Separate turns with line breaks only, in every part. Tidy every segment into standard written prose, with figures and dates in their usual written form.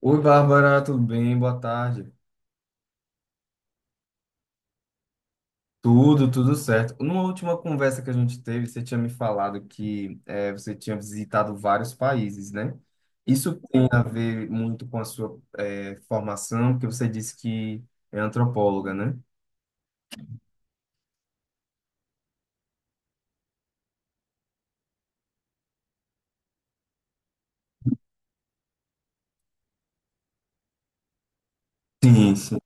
Oi, Bárbara, tudo bem? Boa tarde. Tudo certo. Numa última conversa que a gente teve, você tinha me falado que você tinha visitado vários países, né? Isso tem a ver muito com a sua formação, porque você disse que é antropóloga, né? Sim, sim.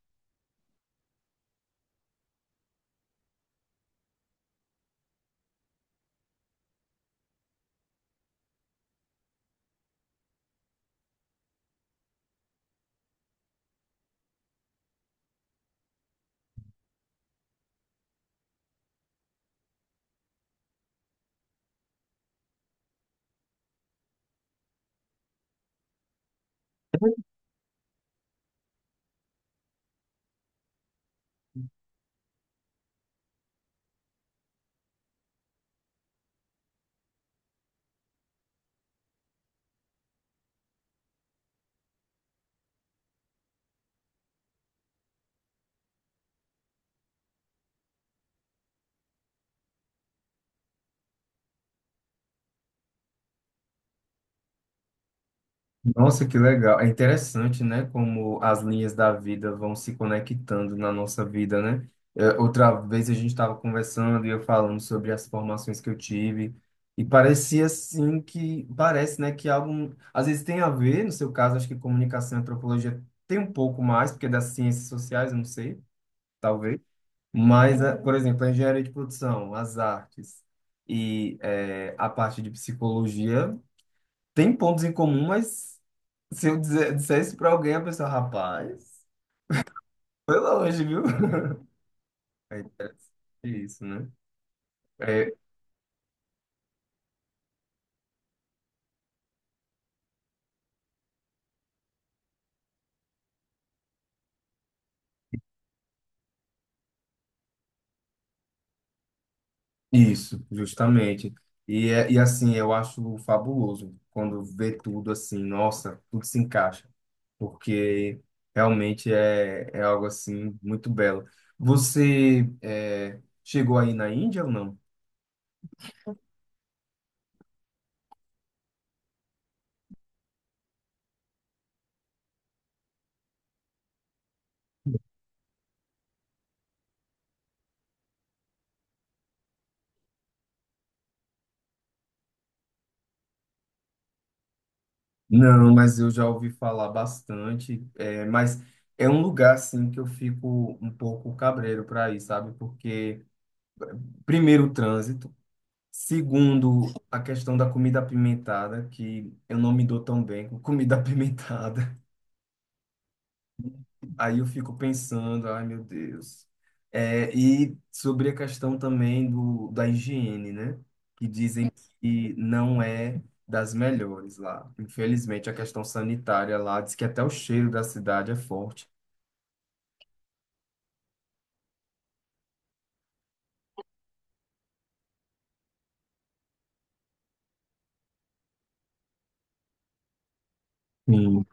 Nossa, que legal. É interessante, né? Como as linhas da vida vão se conectando na nossa vida, né? É, outra vez a gente estava conversando e eu falando sobre as formações que eu tive e parecia assim que parece, né, que algo às vezes tem a ver, no seu caso, acho que comunicação e antropologia tem um pouco mais, porque é das ciências sociais, eu não sei, talvez. Mas, é, por exemplo, a engenharia de produção, as artes e é, a parte de psicologia tem pontos em comum, mas se eu disser isso pra alguém, a pessoa, rapaz, foi longe, viu? É interessante isso, né? É isso, justamente. E, e assim, eu acho fabuloso quando vê tudo assim, nossa, tudo se encaixa, porque realmente é algo assim muito belo. Você chegou aí na Índia ou não? Não, mas eu já ouvi falar bastante, é, mas é um lugar assim que eu fico um pouco cabreiro para ir, sabe? Porque primeiro o trânsito, segundo a questão da comida apimentada, que eu não me dou tão bem com comida apimentada. Aí eu fico pensando, ai meu Deus. É, e sobre a questão também da higiene, né? Que dizem que não é das melhores lá. Infelizmente, a questão sanitária lá diz que até o cheiro da cidade é forte. Sim,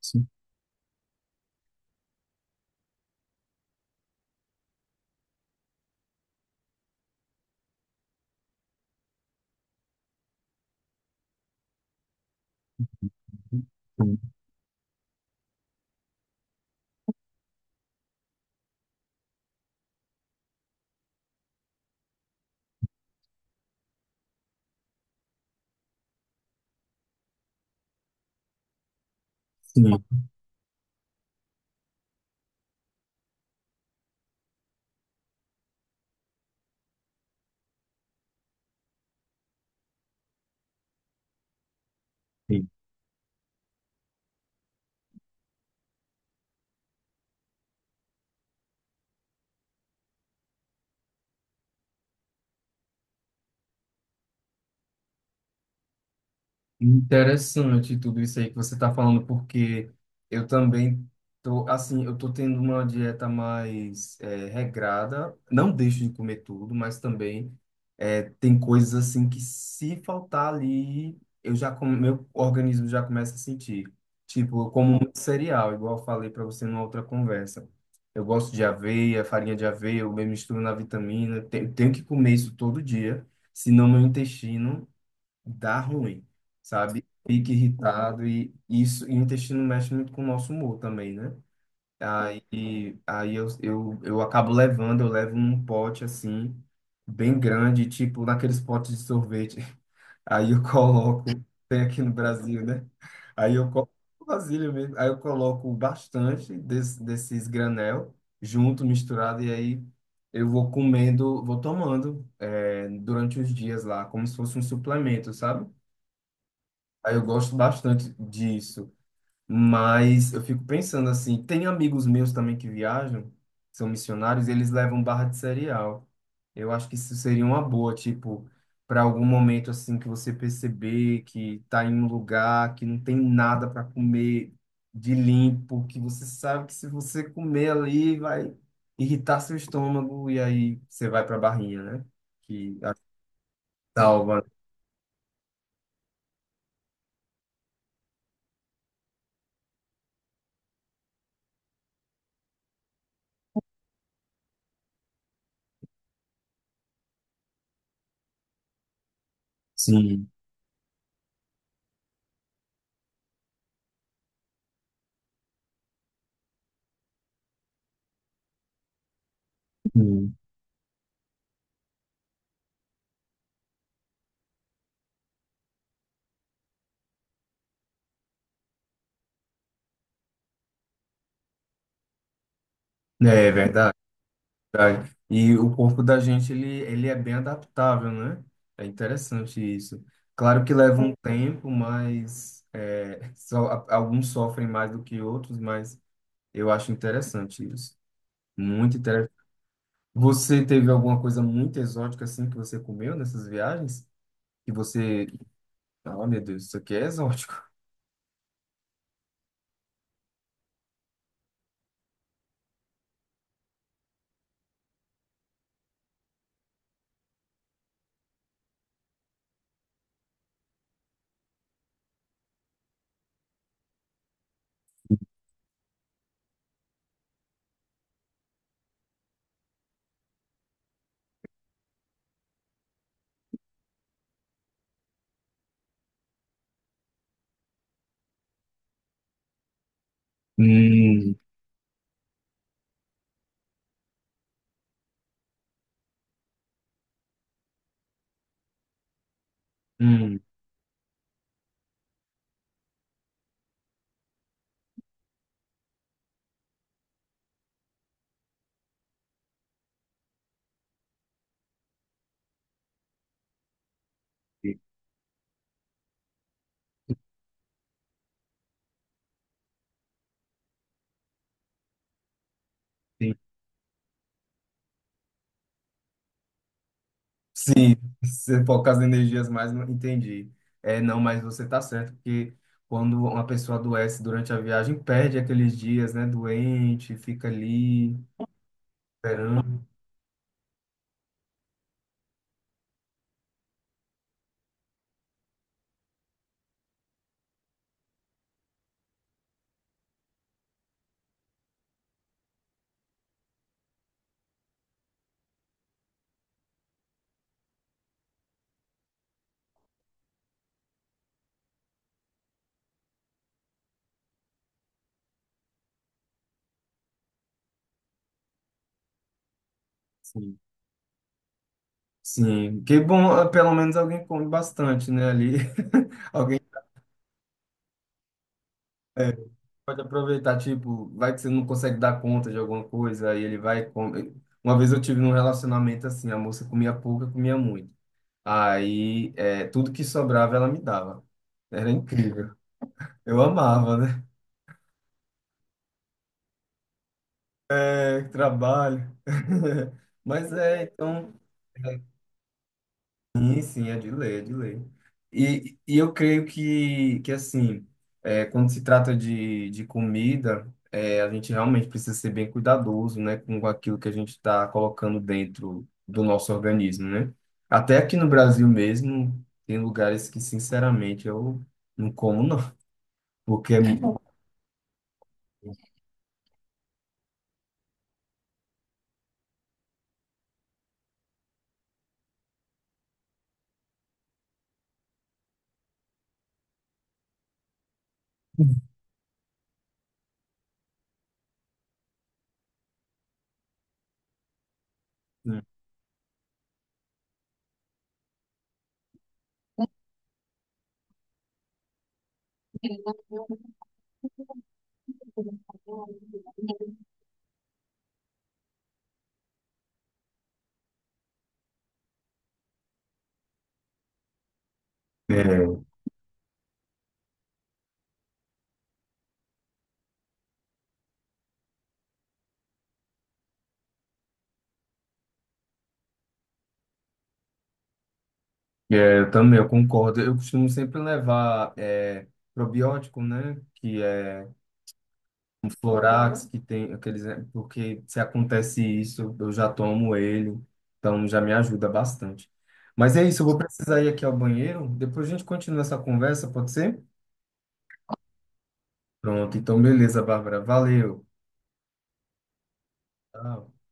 sim, sim. Sim. Interessante tudo isso aí que você está falando, porque eu também tô assim, eu tô tendo uma dieta mais regrada. Não deixo de comer tudo, mas também tem coisas assim que se faltar ali, eu já meu organismo já começa a sentir. Tipo, eu como muito cereal, igual eu falei para você numa outra conversa. Eu gosto de aveia, farinha de aveia, eu mesmo misturo na vitamina. Tenho que comer isso todo dia, senão meu intestino dá ruim, sabe? Fica irritado e isso, e o intestino mexe muito com o nosso humor também, né? Aí, eu acabo levando, eu levo num pote assim, bem grande, tipo naqueles potes de sorvete. Aí eu coloco, tem aqui no Brasil, né? Aí eu coloco vasilha mesmo, aí eu coloco bastante desses granel junto, misturado, e aí eu vou comendo, vou tomando durante os dias lá, como se fosse um suplemento, sabe? Aí eu gosto bastante disso, mas eu fico pensando assim, tem amigos meus também que viajam, são missionários, e eles levam barra de cereal. Eu acho que isso seria uma boa, tipo, para algum momento assim que você perceber que tá em um lugar que não tem nada para comer de limpo, que você sabe que se você comer ali vai irritar seu estômago e aí você vai para a barrinha, né? Que a- Salva. Sim. Sim. É verdade. Tá. E o corpo da gente, ele é bem adaptável, né? É interessante isso. Claro que leva um tempo, mas é, só, alguns sofrem mais do que outros, mas eu acho interessante isso. Muito interessante. Você teve alguma coisa muito exótica assim que você comeu nessas viagens? Que você. Ah, meu Deus, isso aqui é exótico. Hum, hum. Sim, você foca as energias mais, não entendi. É, não, mas você está certo, porque quando uma pessoa adoece durante a viagem, perde aqueles dias, né, doente, fica ali esperando. Sim, sim. Que bom, ah, pelo menos alguém come bastante, né, ali. Alguém é, pode aproveitar, tipo, vai que você não consegue dar conta de alguma coisa, aí ele vai e come. Uma vez eu tive num relacionamento assim, a moça comia pouco, eu comia muito. Aí, é, tudo que sobrava ela me dava. Era incrível. Eu amava, né? É, trabalho. Mas é, então, é, sim, sim, é de lei, é de lei. E eu creio que assim, é, quando se trata de comida, é, a gente realmente precisa ser bem cuidadoso, né, com aquilo que a gente está colocando dentro do nosso organismo, né? Até aqui no Brasil mesmo, tem lugares que, sinceramente, eu não como, não, porque é muito. É, eu também, eu concordo. Eu costumo sempre levar é, probiótico, né? Que é um Florax, que tem aqueles. É, porque se acontece isso, eu já tomo ele, então já me ajuda bastante. Mas é isso, eu vou precisar ir aqui ao banheiro. Depois a gente continua essa conversa, pode ser? Pronto, então beleza, Bárbara. Valeu. Tchau.